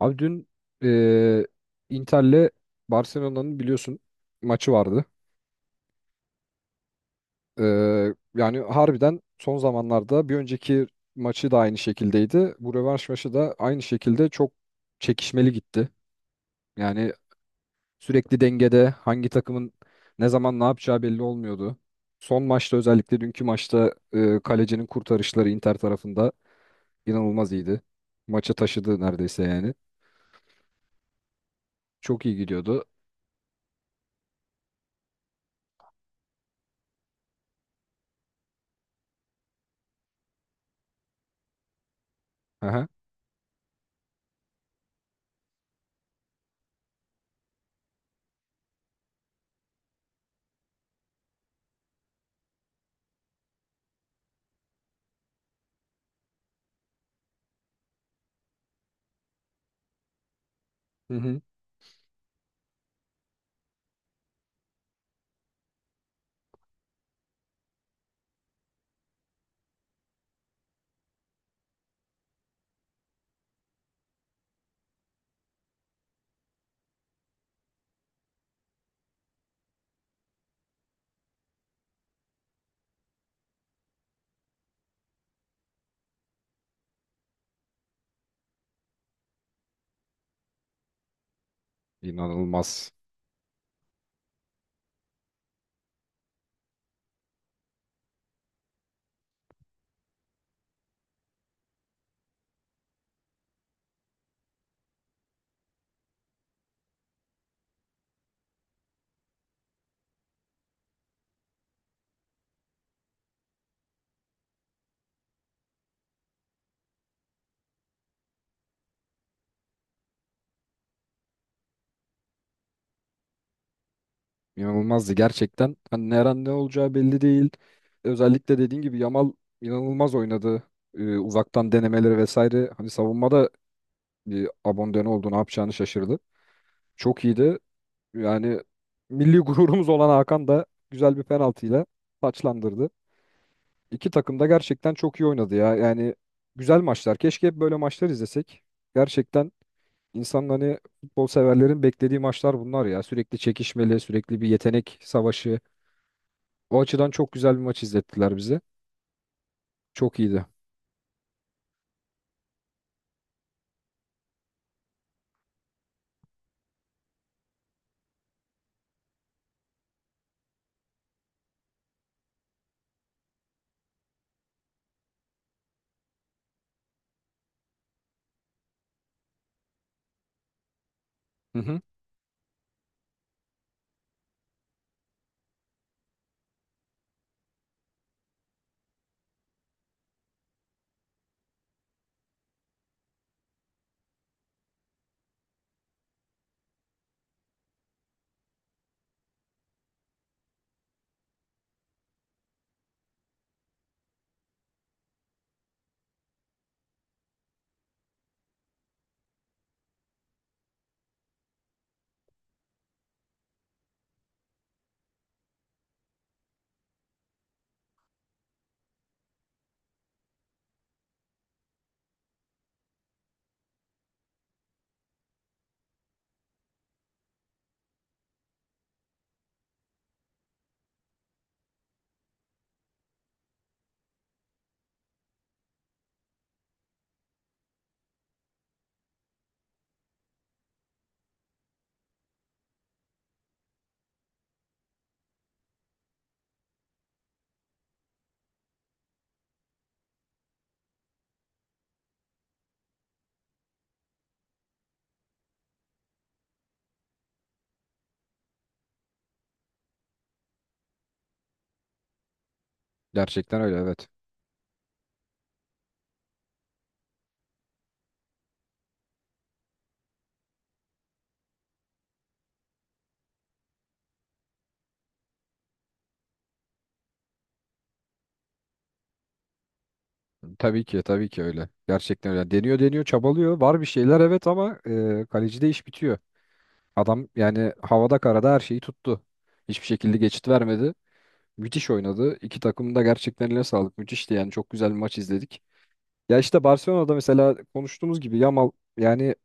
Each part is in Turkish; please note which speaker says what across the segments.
Speaker 1: Abi dün eee Inter'le Barcelona'nın biliyorsun maçı vardı. Yani harbiden son zamanlarda bir önceki maçı da aynı şekildeydi. Bu rövanş maçı da aynı şekilde çok çekişmeli gitti. Yani sürekli dengede hangi takımın ne zaman ne yapacağı belli olmuyordu. Son maçta özellikle dünkü maçta kalecinin kurtarışları Inter tarafında inanılmaz iyiydi. Maçı taşıdı neredeyse yani. Çok iyi gidiyordu. Aha. Hı hı. İnanılmaz. İnanılmazdı gerçekten. Hani her an ne olacağı belli değil. Özellikle dediğin gibi Yamal inanılmaz oynadı. Uzaktan denemeleri vesaire. Hani savunmada bir abonde ne oldu ne yapacağını şaşırdı. Çok iyiydi. Yani milli gururumuz olan Hakan da güzel bir penaltıyla taçlandırdı. İki takım da gerçekten çok iyi oynadı ya. Yani güzel maçlar. Keşke hep böyle maçlar izlesek. Gerçekten insanların hani futbol severlerin beklediği maçlar bunlar ya. Sürekli çekişmeli, sürekli bir yetenek savaşı. O açıdan çok güzel bir maç izlettiler bize. Çok iyiydi. Hı hı. Gerçekten öyle evet. Tabii ki tabii ki öyle. Gerçekten öyle. Deniyor deniyor çabalıyor. Var bir şeyler evet ama kalecide iş bitiyor. Adam yani havada karada her şeyi tuttu. Hiçbir şekilde geçit vermedi. Müthiş oynadı. İki takım da gerçekten eline sağlık. Müthişti yani çok güzel bir maç izledik. Ya işte Barcelona'da mesela konuştuğumuz gibi Yamal yani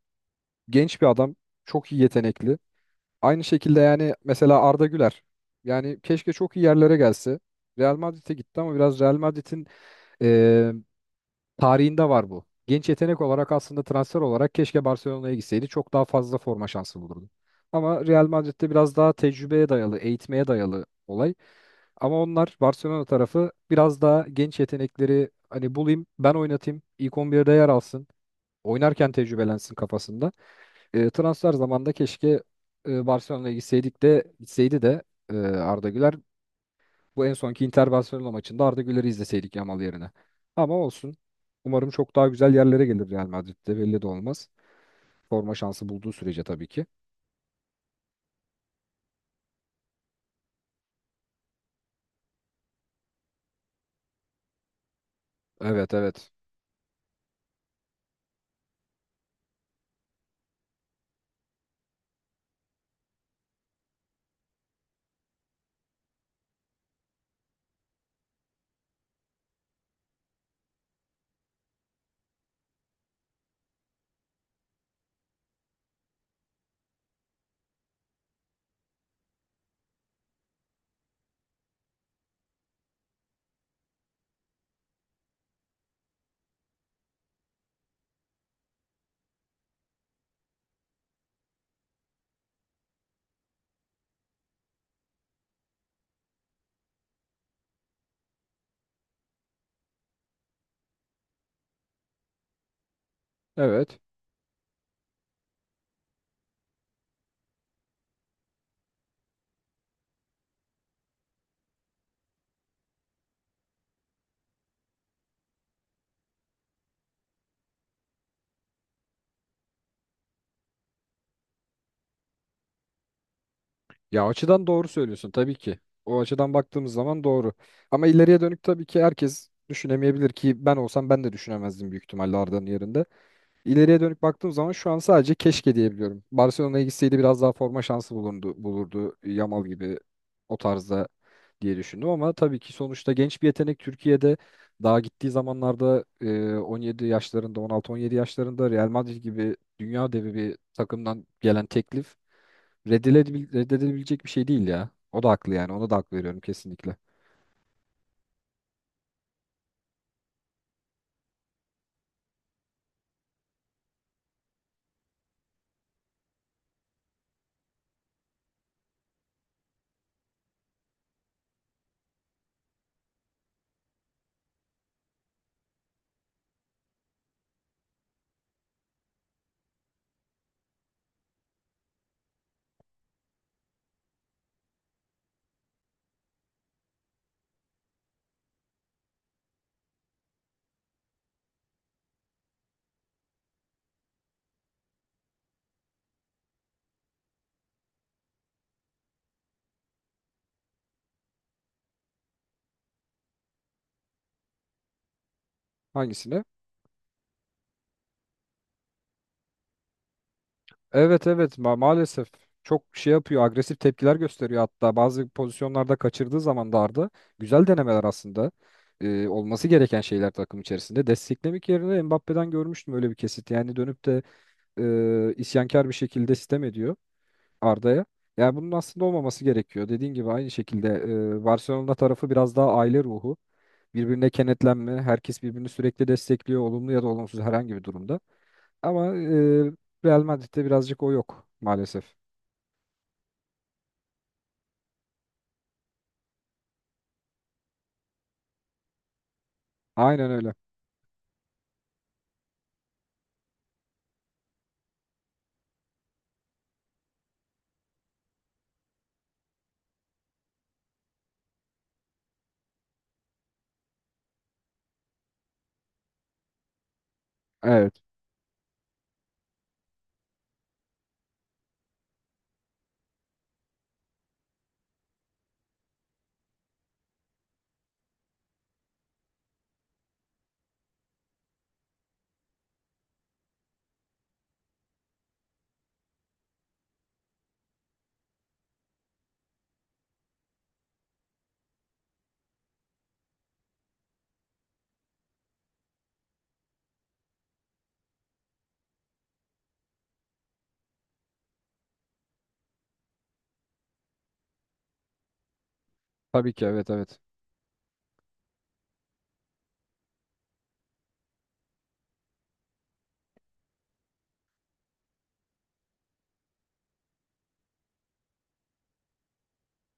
Speaker 1: genç bir adam. Çok iyi yetenekli. Aynı şekilde yani mesela Arda Güler. Yani keşke çok iyi yerlere gelse. Real Madrid'e gitti ama biraz Real Madrid'in e, tarihinde var bu. Genç yetenek olarak aslında transfer olarak keşke Barcelona'ya gitseydi. Çok daha fazla forma şansı bulurdu. Ama Real Madrid'de biraz daha tecrübeye dayalı, eğitmeye dayalı olay. Ama onlar Barcelona tarafı biraz daha genç yetenekleri hani bulayım, ben oynatayım, ilk 11'de yer alsın, oynarken tecrübelensin kafasında transfer zamanında keşke Barcelona'ya gitseydi de Arda Güler bu en sonki Inter Barcelona maçında Arda Güler'i izleseydik Yamal yerine. Ama olsun. Umarım çok daha güzel yerlere gelir Real Madrid'de belli de olmaz. Forma şansı bulduğu sürece tabii ki. Evet evet. Evet. Ya açıdan doğru söylüyorsun tabii ki. O açıdan baktığımız zaman doğru. Ama ileriye dönük tabii ki herkes düşünemeyebilir ki ben olsam ben de düşünemezdim büyük ihtimalle Arda'nın yerinde. İleriye dönüp baktığım zaman şu an sadece keşke diyebiliyorum. Barcelona'ya gitseydi biraz daha forma şansı bulundu, bulurdu. Yamal gibi o tarzda diye düşündüm ama tabii ki sonuçta genç bir yetenek Türkiye'de daha gittiği zamanlarda 17 yaşlarında 16-17 yaşlarında Real Madrid gibi dünya devi bir takımdan gelen teklif reddedilebilecek bir şey değil ya. O da haklı yani ona da hak veriyorum kesinlikle. Hangisine? Evet, evet, maalesef çok şey yapıyor agresif tepkiler gösteriyor hatta bazı pozisyonlarda kaçırdığı zaman da Arda güzel denemeler aslında. Olması gereken şeyler takım içerisinde desteklemek yerine Mbappe'den görmüştüm öyle bir kesit yani dönüp de isyankar bir şekilde sitem ediyor Arda'ya yani bunun aslında olmaması gerekiyor dediğin gibi aynı şekilde Barcelona tarafı biraz daha aile ruhu birbirine kenetlenme herkes birbirini sürekli destekliyor olumlu ya da olumsuz herhangi bir durumda ama Real Madrid'de birazcık o yok maalesef. Aynen öyle. Evet. Tabii ki evet evet.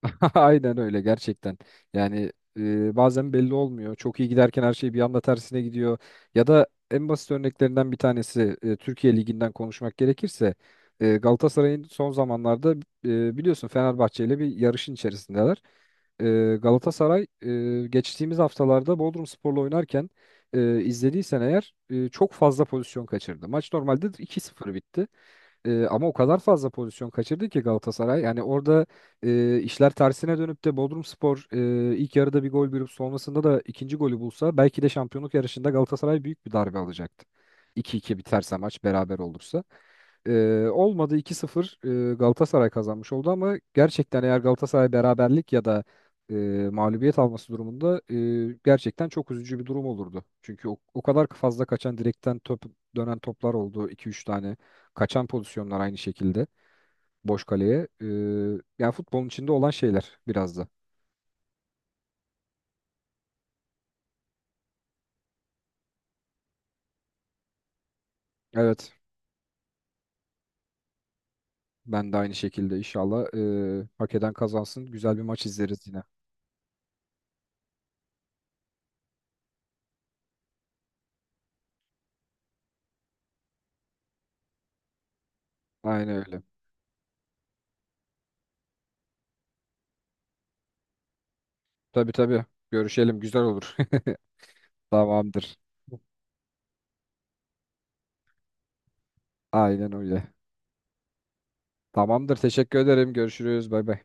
Speaker 1: Aynen öyle gerçekten. Yani bazen belli olmuyor. Çok iyi giderken her şey bir anda tersine gidiyor. Ya da en basit örneklerinden bir tanesi Türkiye Ligi'nden konuşmak gerekirse Galatasaray'ın son zamanlarda biliyorsun Fenerbahçe ile bir yarışın içerisindeler. Galatasaray geçtiğimiz haftalarda Bodrumspor'la oynarken izlediysen eğer çok fazla pozisyon kaçırdı. Maç normalde iki sıfır bitti. Ama o kadar fazla pozisyon kaçırdı ki Galatasaray. Yani orada işler tersine dönüp de Bodrumspor ilk yarıda bir gol bulup sonrasında da ikinci golü bulsa belki de şampiyonluk yarışında Galatasaray büyük bir darbe alacaktı. 2-2 biterse maç beraber olursa. Olmadı 2-0 Galatasaray kazanmış oldu ama gerçekten eğer Galatasaray beraberlik ya da e, mağlubiyet alması durumunda gerçekten çok üzücü bir durum olurdu. Çünkü o kadar fazla kaçan direkten top dönen toplar oldu iki üç tane. Kaçan pozisyonlar aynı şekilde boş kaleye. Yani futbolun içinde olan şeyler biraz da. Evet, ben de aynı şekilde inşallah hak eden kazansın. Güzel bir maç izleriz yine. Aynen öyle. Tabii tabii. Görüşelim, güzel olur. Tamamdır. Aynen öyle. Tamamdır. Teşekkür ederim. Görüşürüz. Bay bay.